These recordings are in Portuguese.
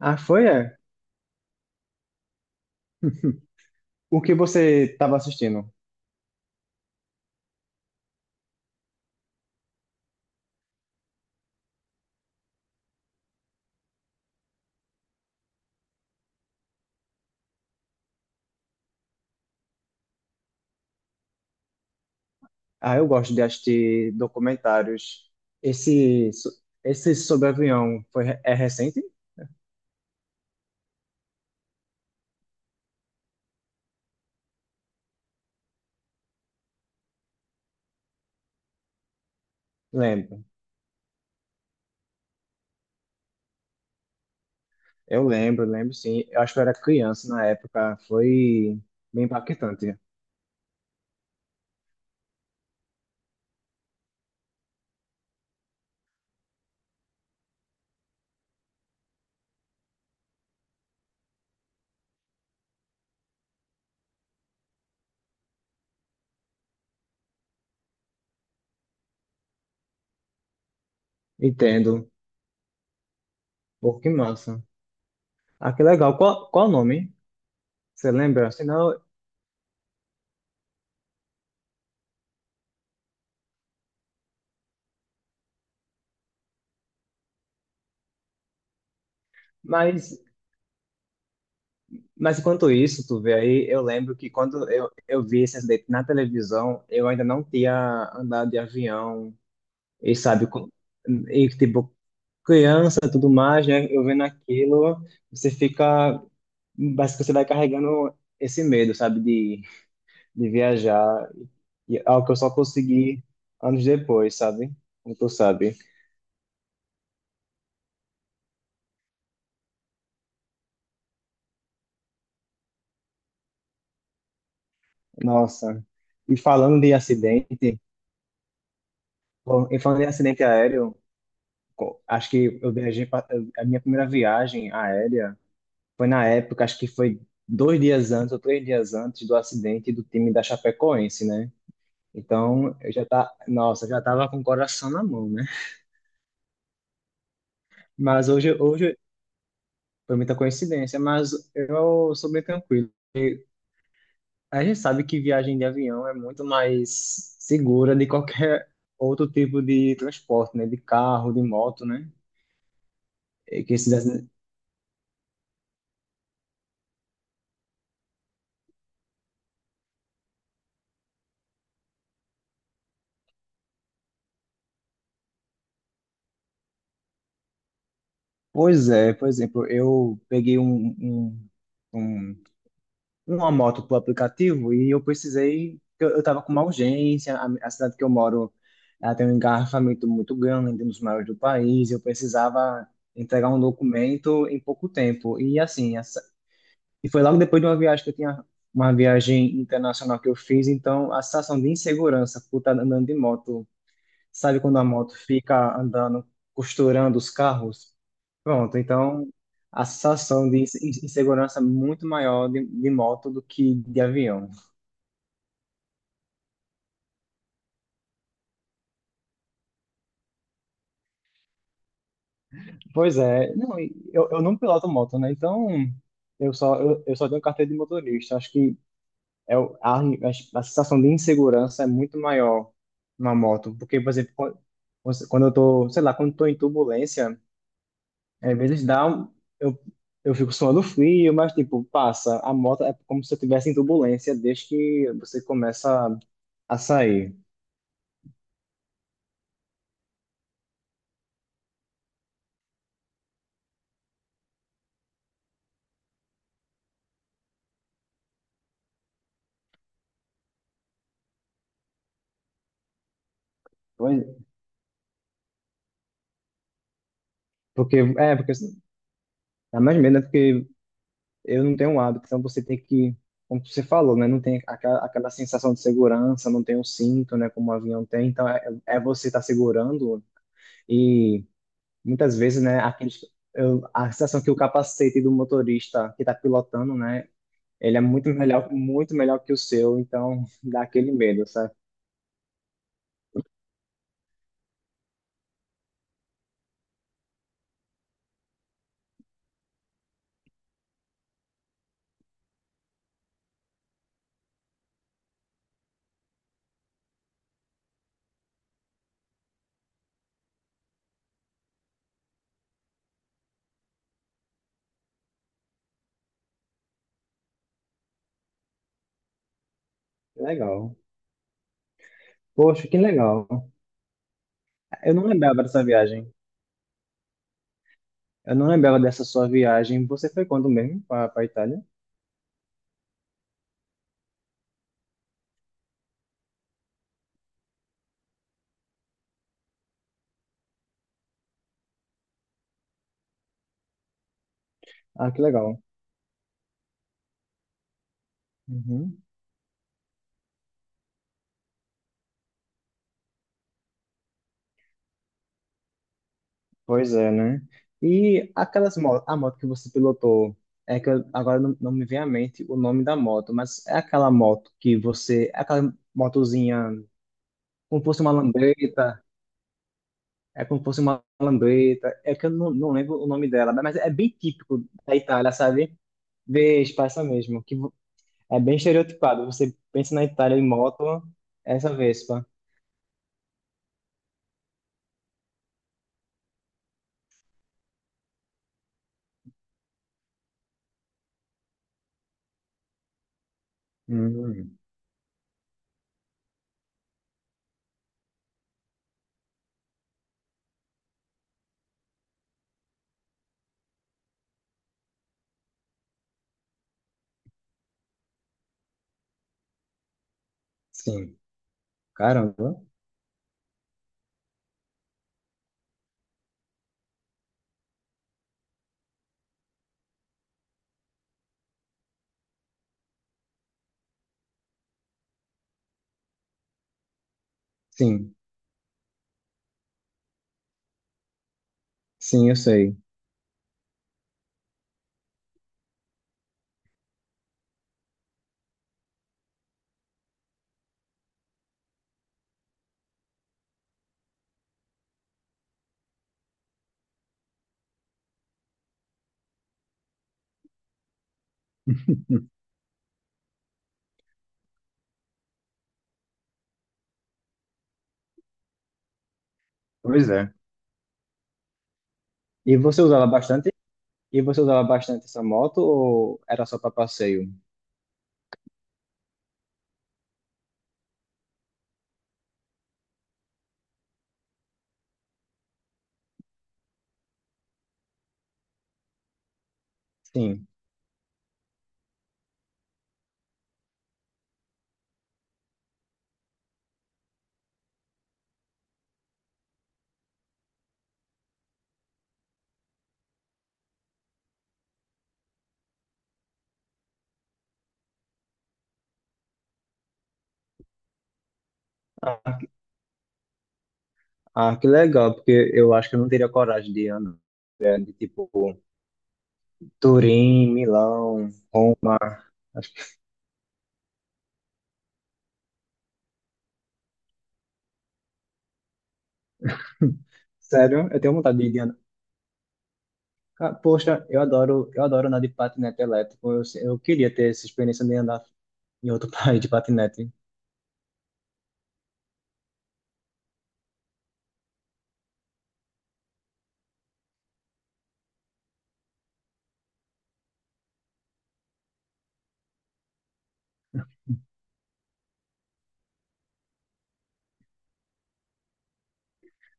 Ah, foi, é. O que você estava assistindo? Ah, eu gosto de assistir documentários. Esse, esse sobre avião foi, é recente? Lembro. Eu lembro, lembro sim. Eu acho que eu era criança na época. Foi bem impactante. Entendo. Pô, que massa. Ah, que legal. Qual o nome? Você lembra? Mas, mas enquanto isso, tu vê aí, eu lembro que quando eu vi esse acidente na televisão, eu ainda não tinha andado de avião. E sabe, e tipo, criança, tudo mais, né? Eu vendo aquilo, você fica, parece que você vai carregando esse medo, sabe, de viajar, e é algo que eu só consegui anos depois, sabe? Como tu sabe. Nossa. E falando de acidente, bom, e falando de acidente aéreo, acho que eu viajei, a minha primeira viagem aérea foi na época, acho que foi dois dias antes ou três dias antes do acidente do time da Chapecoense, né? Então, nossa, eu já tava com o coração na mão, né? Mas hoje foi muita coincidência, mas eu sou bem tranquilo. A gente sabe que viagem de avião é muito mais segura de qualquer outro tipo de transporte, né? De carro, de moto, né? E que se Pois é, por exemplo, eu peguei um uma moto por aplicativo e eu precisei, eu tava com uma urgência, a cidade que eu moro, ela tem um engarrafamento muito grande, um dos maiores do país, eu precisava entregar um documento em pouco tempo. E assim, essa, e foi logo depois de uma viagem que eu tinha, uma viagem internacional que eu fiz, então a sensação de insegurança por estar andando de moto, sabe quando a moto fica andando, costurando os carros? Pronto, então a sensação de insegurança é muito maior de moto do que de avião. Pois é, não, e eu, não piloto moto, né? Então eu só, eu só tenho carteira de motorista. Acho que é, a sensação de insegurança é muito maior na moto. Porque, por exemplo, quando eu tô, sei lá, quando eu tô em turbulência, às vezes dá um, eu, eu fico suando frio, mas tipo, passa. A moto é como se eu estivesse em turbulência desde que você começa a sair. Porque, é, porque assim, dá mais medo, né? Porque eu não tenho um hábito, então você tem que, como você falou, né? Não tem aquela sensação de segurança, não tem o cinto, né? Como o avião tem, então é, é você estar segurando e muitas vezes, né? Aqueles, eu, a sensação que o capacete do motorista que está pilotando, né? Ele é muito melhor que o seu, então dá aquele medo, sabe? Legal. Poxa, que legal. Eu não lembrava dessa viagem. Eu não lembrava dessa sua viagem. Você foi quando mesmo para a Itália? Ah, que legal. Uhum. Pois é, né? E aquelas motos, a moto que você pilotou, é que eu, agora não me vem à mente o nome da moto, mas é aquela moto que você, é aquela motozinha, como se fosse uma lambreta, é como se fosse uma lambreta, é que eu não lembro o nome dela, mas é bem típico da Itália, sabe? Vespa, essa mesmo, é bem estereotipado. Você pensa na Itália em moto, essa Vespa. Hum, sim. Caramba. Sim, sim, eu sei. Pois é. E você usa ela bastante? E você usa ela bastante essa moto ou era só para passeio? Sim. Ah, que legal, porque eu acho que eu não teria coragem de andar, né, de tipo Turim, Milão, Roma. Acho que, sério, eu tenho vontade de andar. Poxa, eu adoro andar de patinete elétrico. eu, queria ter essa experiência de andar em outro país de patinete.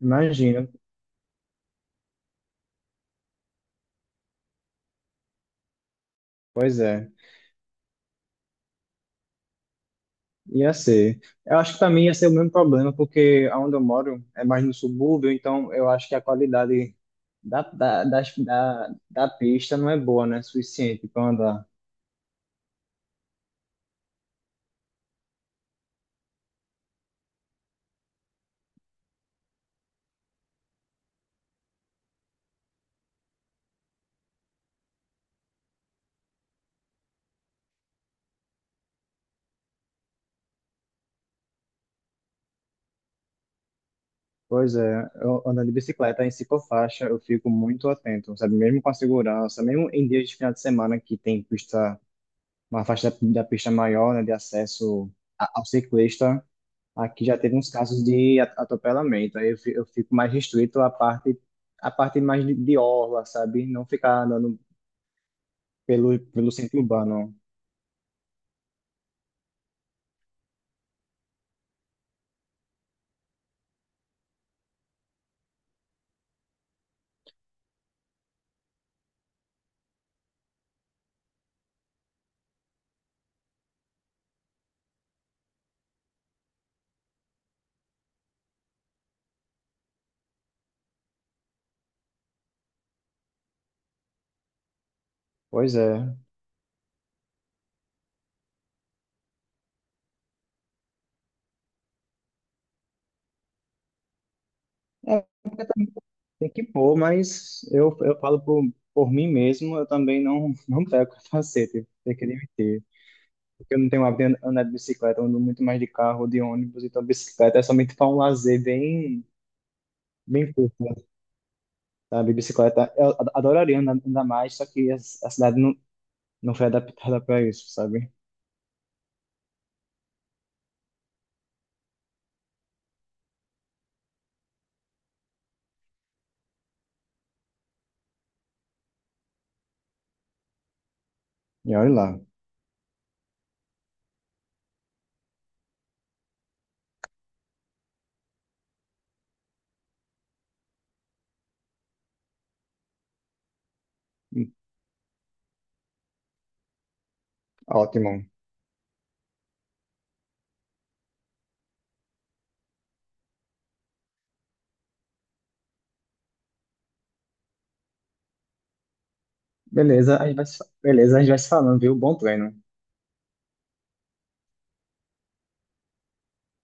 Imagina. Pois é. Ia ser. Eu acho que para mim ia ser o mesmo problema, porque onde eu moro é mais no subúrbio, então eu acho que a qualidade da pista não é boa, né? Suficiente para andar. Pois é, eu ando de bicicleta em ciclofaixa, eu fico muito atento, sabe? Mesmo com a segurança, mesmo em dias de final de semana que tem pista, uma faixa da pista maior, né, de acesso ao ciclista. Aqui já teve uns casos de atropelamento, aí eu fico mais restrito à parte, mais de orla, sabe? Não ficar andando pelo centro urbano. Pois é. É, tem que pôr, mas eu, falo por mim mesmo, eu também não, não pego capacete, tem que admitir. Porque eu não tenho hábito de andar de bicicleta, eu ando muito mais de carro, de ônibus, então bicicleta é somente para um lazer bem, bem curto, sabe? Bicicleta, eu adoraria andar, andar mais, só que a cidade não, não foi adaptada para isso, sabe? E olha lá. Ótimo. Beleza, a gente vai, se- beleza, a gente vai se falando, viu? Bom treino.